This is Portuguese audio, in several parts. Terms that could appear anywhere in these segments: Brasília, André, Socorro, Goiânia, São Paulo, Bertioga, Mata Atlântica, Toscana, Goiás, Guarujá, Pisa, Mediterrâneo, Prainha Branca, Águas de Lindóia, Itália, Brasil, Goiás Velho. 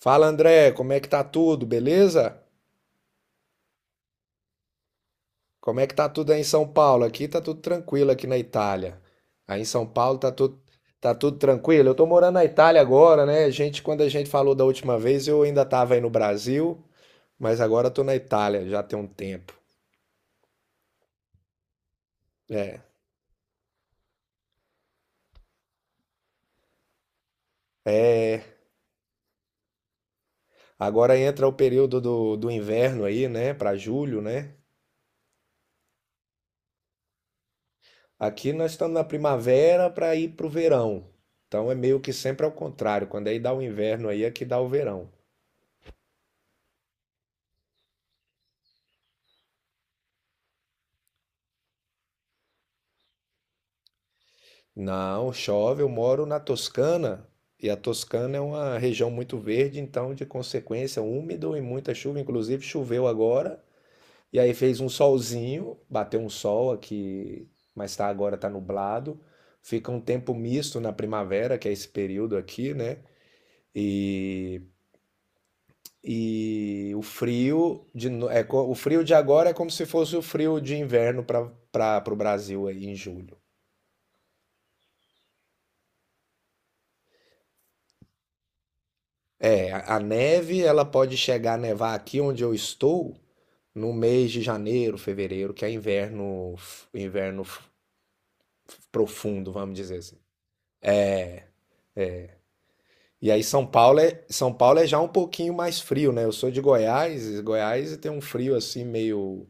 Fala André, como é que tá tudo? Beleza? Como é que tá tudo aí em São Paulo? Aqui tá tudo tranquilo aqui na Itália. Aí em São Paulo tá tudo tranquilo. Eu tô morando na Itália agora, né? A gente, quando a gente falou da última vez, eu ainda tava aí no Brasil, mas agora eu tô na Itália, já tem um tempo. É. É, agora entra o período do inverno aí, né? Pra julho, né? Aqui nós estamos na primavera para ir pro verão. Então é meio que sempre ao contrário. Quando aí dá o inverno aí, aqui dá o verão. Não, chove. Eu moro na Toscana e a Toscana é uma região muito verde, então de consequência úmido e muita chuva. Inclusive choveu agora e aí fez um solzinho, bateu um sol aqui, mas agora tá nublado. Fica um tempo misto na primavera, que é esse período aqui, né? E, e o frio de, o frio de agora é como se fosse o frio de inverno para o Brasil aí em julho. É, a neve, ela pode chegar a nevar aqui onde eu estou no mês de janeiro, fevereiro, que é inverno, inverno profundo, vamos dizer assim. E aí São Paulo é já um pouquinho mais frio, né? Eu sou de Goiás, e Goiás tem um frio assim meio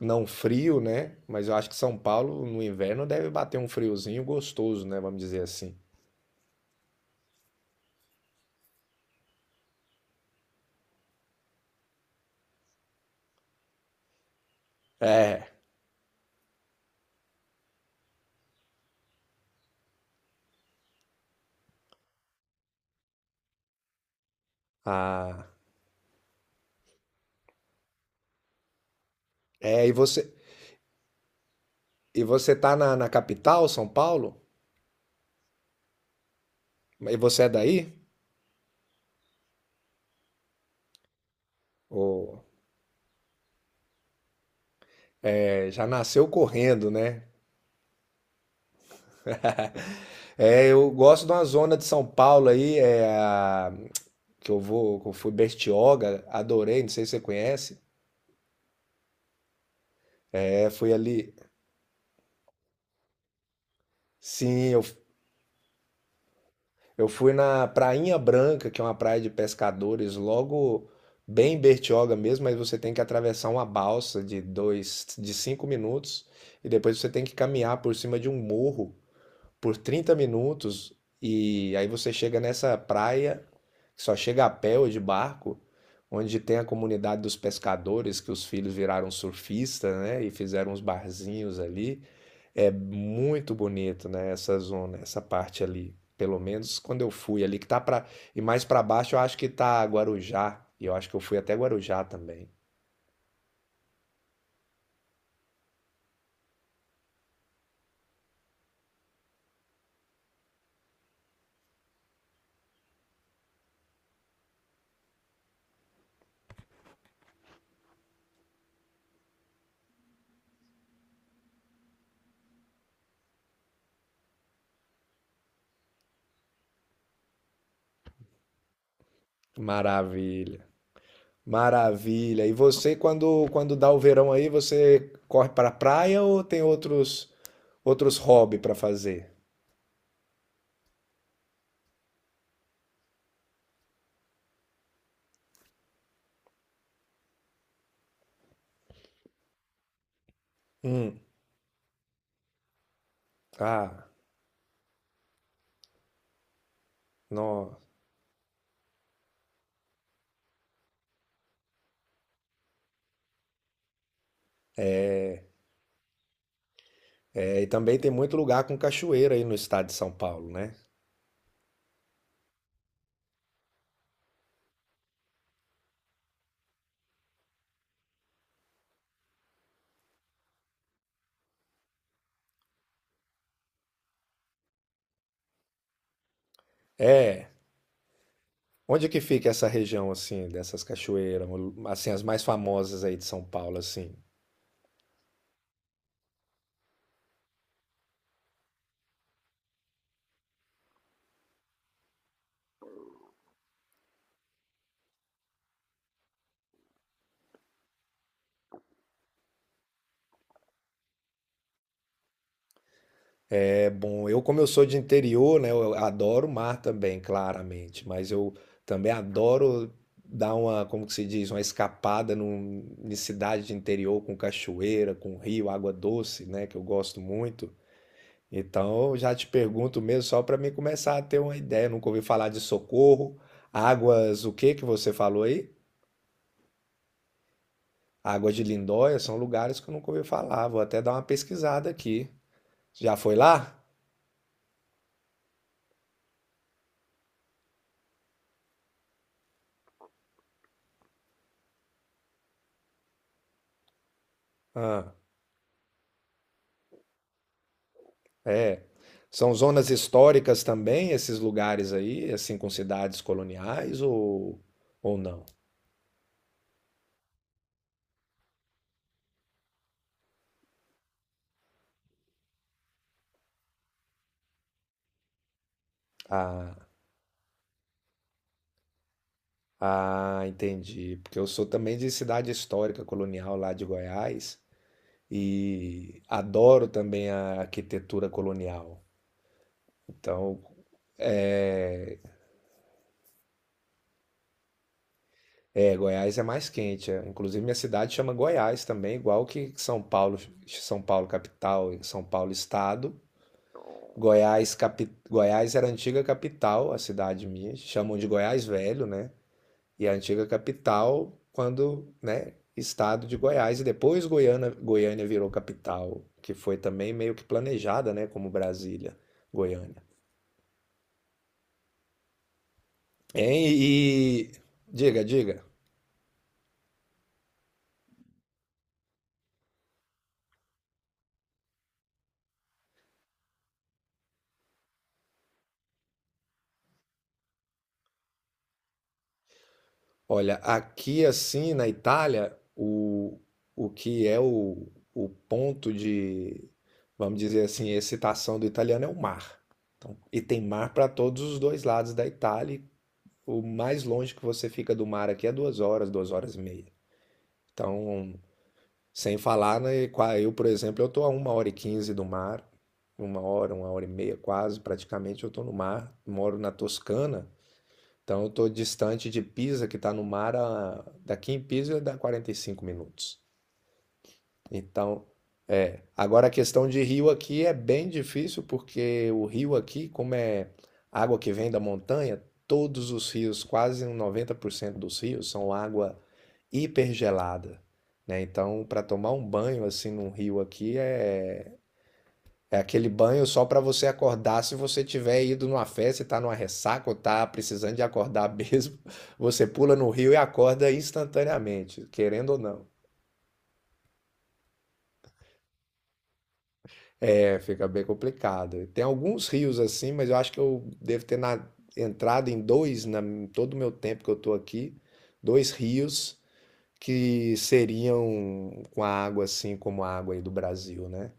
não frio, né? Mas eu acho que São Paulo no inverno deve bater um friozinho gostoso, né? Vamos dizer assim. É. Ah, é, e você tá na capital, São Paulo? E você é daí? Ou... É, já nasceu correndo, né? É, eu gosto de uma zona de São Paulo aí, que eu fui Bertioga, adorei, não sei se você conhece. É, fui ali, sim, eu fui na Prainha Branca, que é uma praia de pescadores, logo bem em Bertioga mesmo, mas você tem que atravessar uma balsa de 5 minutos e depois você tem que caminhar por cima de um morro por 30 minutos e aí você chega nessa praia, que só chega a pé ou de barco, onde tem a comunidade dos pescadores, que os filhos viraram surfistas, né, e fizeram uns barzinhos ali. É muito bonito, né, essa zona, essa parte ali. Pelo menos quando eu fui ali, que tá para. E mais para baixo eu acho que tá Guarujá. E eu acho que eu fui até Guarujá também. Maravilha. Maravilha. E você, quando dá o verão aí, você corre para a praia ou tem outros hobbies para fazer? Hum. Ah, não. É, e também tem muito lugar com cachoeira aí no estado de São Paulo, né? É. Onde é que fica essa região assim, dessas cachoeiras, assim as mais famosas aí de São Paulo assim? É bom, eu como eu sou de interior, né, eu adoro o mar também, claramente, mas eu também adoro dar uma, como que se diz, uma escapada em cidade de interior com cachoeira, com rio, água doce, né, que eu gosto muito. Então, eu já te pergunto mesmo só para mim começar a ter uma ideia, nunca ouvi falar de Socorro, águas, o que que você falou aí? Águas de Lindóia são lugares que eu nunca ouvi falar, vou até dar uma pesquisada aqui. Já foi lá? Ah. É, são zonas históricas também esses lugares aí, assim, com cidades coloniais ou não? Ah, ah, entendi. Porque eu sou também de cidade histórica colonial lá de Goiás e adoro também a arquitetura colonial. Então, é, Goiás é mais quente. É. Inclusive, minha cidade chama Goiás também, igual que São Paulo, São Paulo capital e São Paulo estado. Goiás era a antiga capital, a cidade minha, chamam de Goiás Velho, né? E a antiga capital, quando, né, estado de Goiás, e depois Goiânia, virou capital, que foi também meio que planejada, né, como Brasília, Goiânia. Hein? E diga, diga. Olha, aqui assim na Itália, o que é o ponto de, vamos dizer assim, excitação do italiano é o mar. Então, e tem mar para todos os dois lados da Itália. E o mais longe que você fica do mar aqui é 2 horas, 2 horas e meia. Então, sem falar, né, eu, por exemplo, eu tô a 1h15 do mar, 1 hora, 1 hora e meia quase, praticamente eu tô no mar, moro na Toscana. Então eu estou distante de Pisa, que está no mar, daqui em Pisa dá 45 minutos. Então, é. Agora a questão de rio aqui é bem difícil, porque o rio aqui, como é água que vem da montanha, todos os rios, quase 90% dos rios, são água hipergelada, né? Então, para tomar um banho assim num rio aqui é aquele banho só para você acordar se você tiver ido numa festa e tá numa ressaca ou tá precisando de acordar mesmo. Você pula no rio e acorda instantaneamente, querendo ou não. É, fica bem complicado. Tem alguns rios assim, mas eu acho que eu devo ter entrado em dois, em todo o meu tempo que eu tô aqui, dois rios que seriam com a água assim como a água aí do Brasil, né?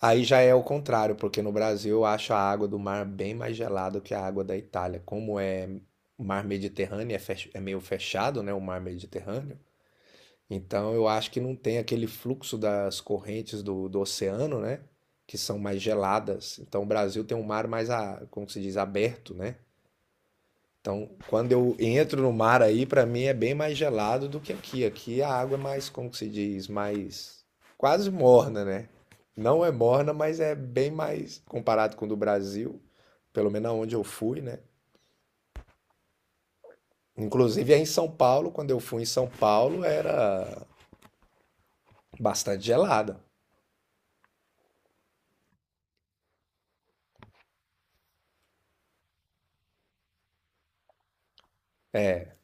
Aí já é o contrário, porque no Brasil eu acho a água do mar bem mais gelada que a água da Itália. Como é mar Mediterrâneo, é meio fechado, né, o mar Mediterrâneo. Então eu acho que não tem aquele fluxo das correntes do oceano, né, que são mais geladas. Então o Brasil tem um mar mais, como que se diz, aberto, né? Então, quando eu entro no mar aí, para mim é bem mais gelado do que aqui. Aqui a água é mais, como que se diz, mais quase morna, né? Não é morna, mas é bem mais comparado com o do Brasil, pelo menos onde eu fui, né? Inclusive aí em São Paulo, quando eu fui em São Paulo, era bastante gelada. É,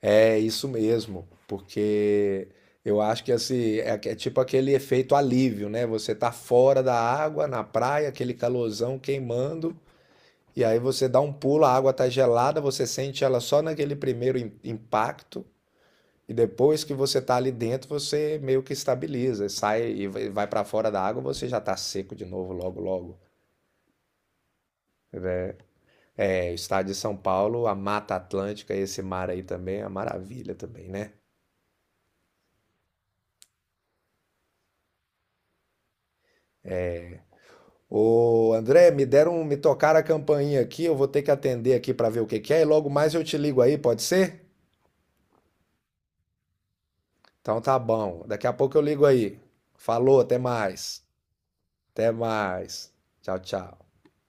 é isso mesmo, porque eu acho que assim, é tipo aquele efeito alívio, né? Você tá fora da água, na praia, aquele calorzão queimando. E aí você dá um pulo, a água tá gelada, você sente ela só naquele primeiro impacto, e depois que você tá ali dentro, você meio que estabiliza, sai e vai pra fora da água, você já tá seco de novo logo logo. É, o estado de São Paulo, a Mata Atlântica, esse mar aí também é uma maravilha também, né? Ô, André, me tocaram a campainha aqui, eu vou ter que atender aqui para ver o que que é, e logo mais eu te ligo aí, pode ser? Então tá bom. Daqui a pouco eu ligo aí. Falou, até mais. Até mais. Tchau, tchau.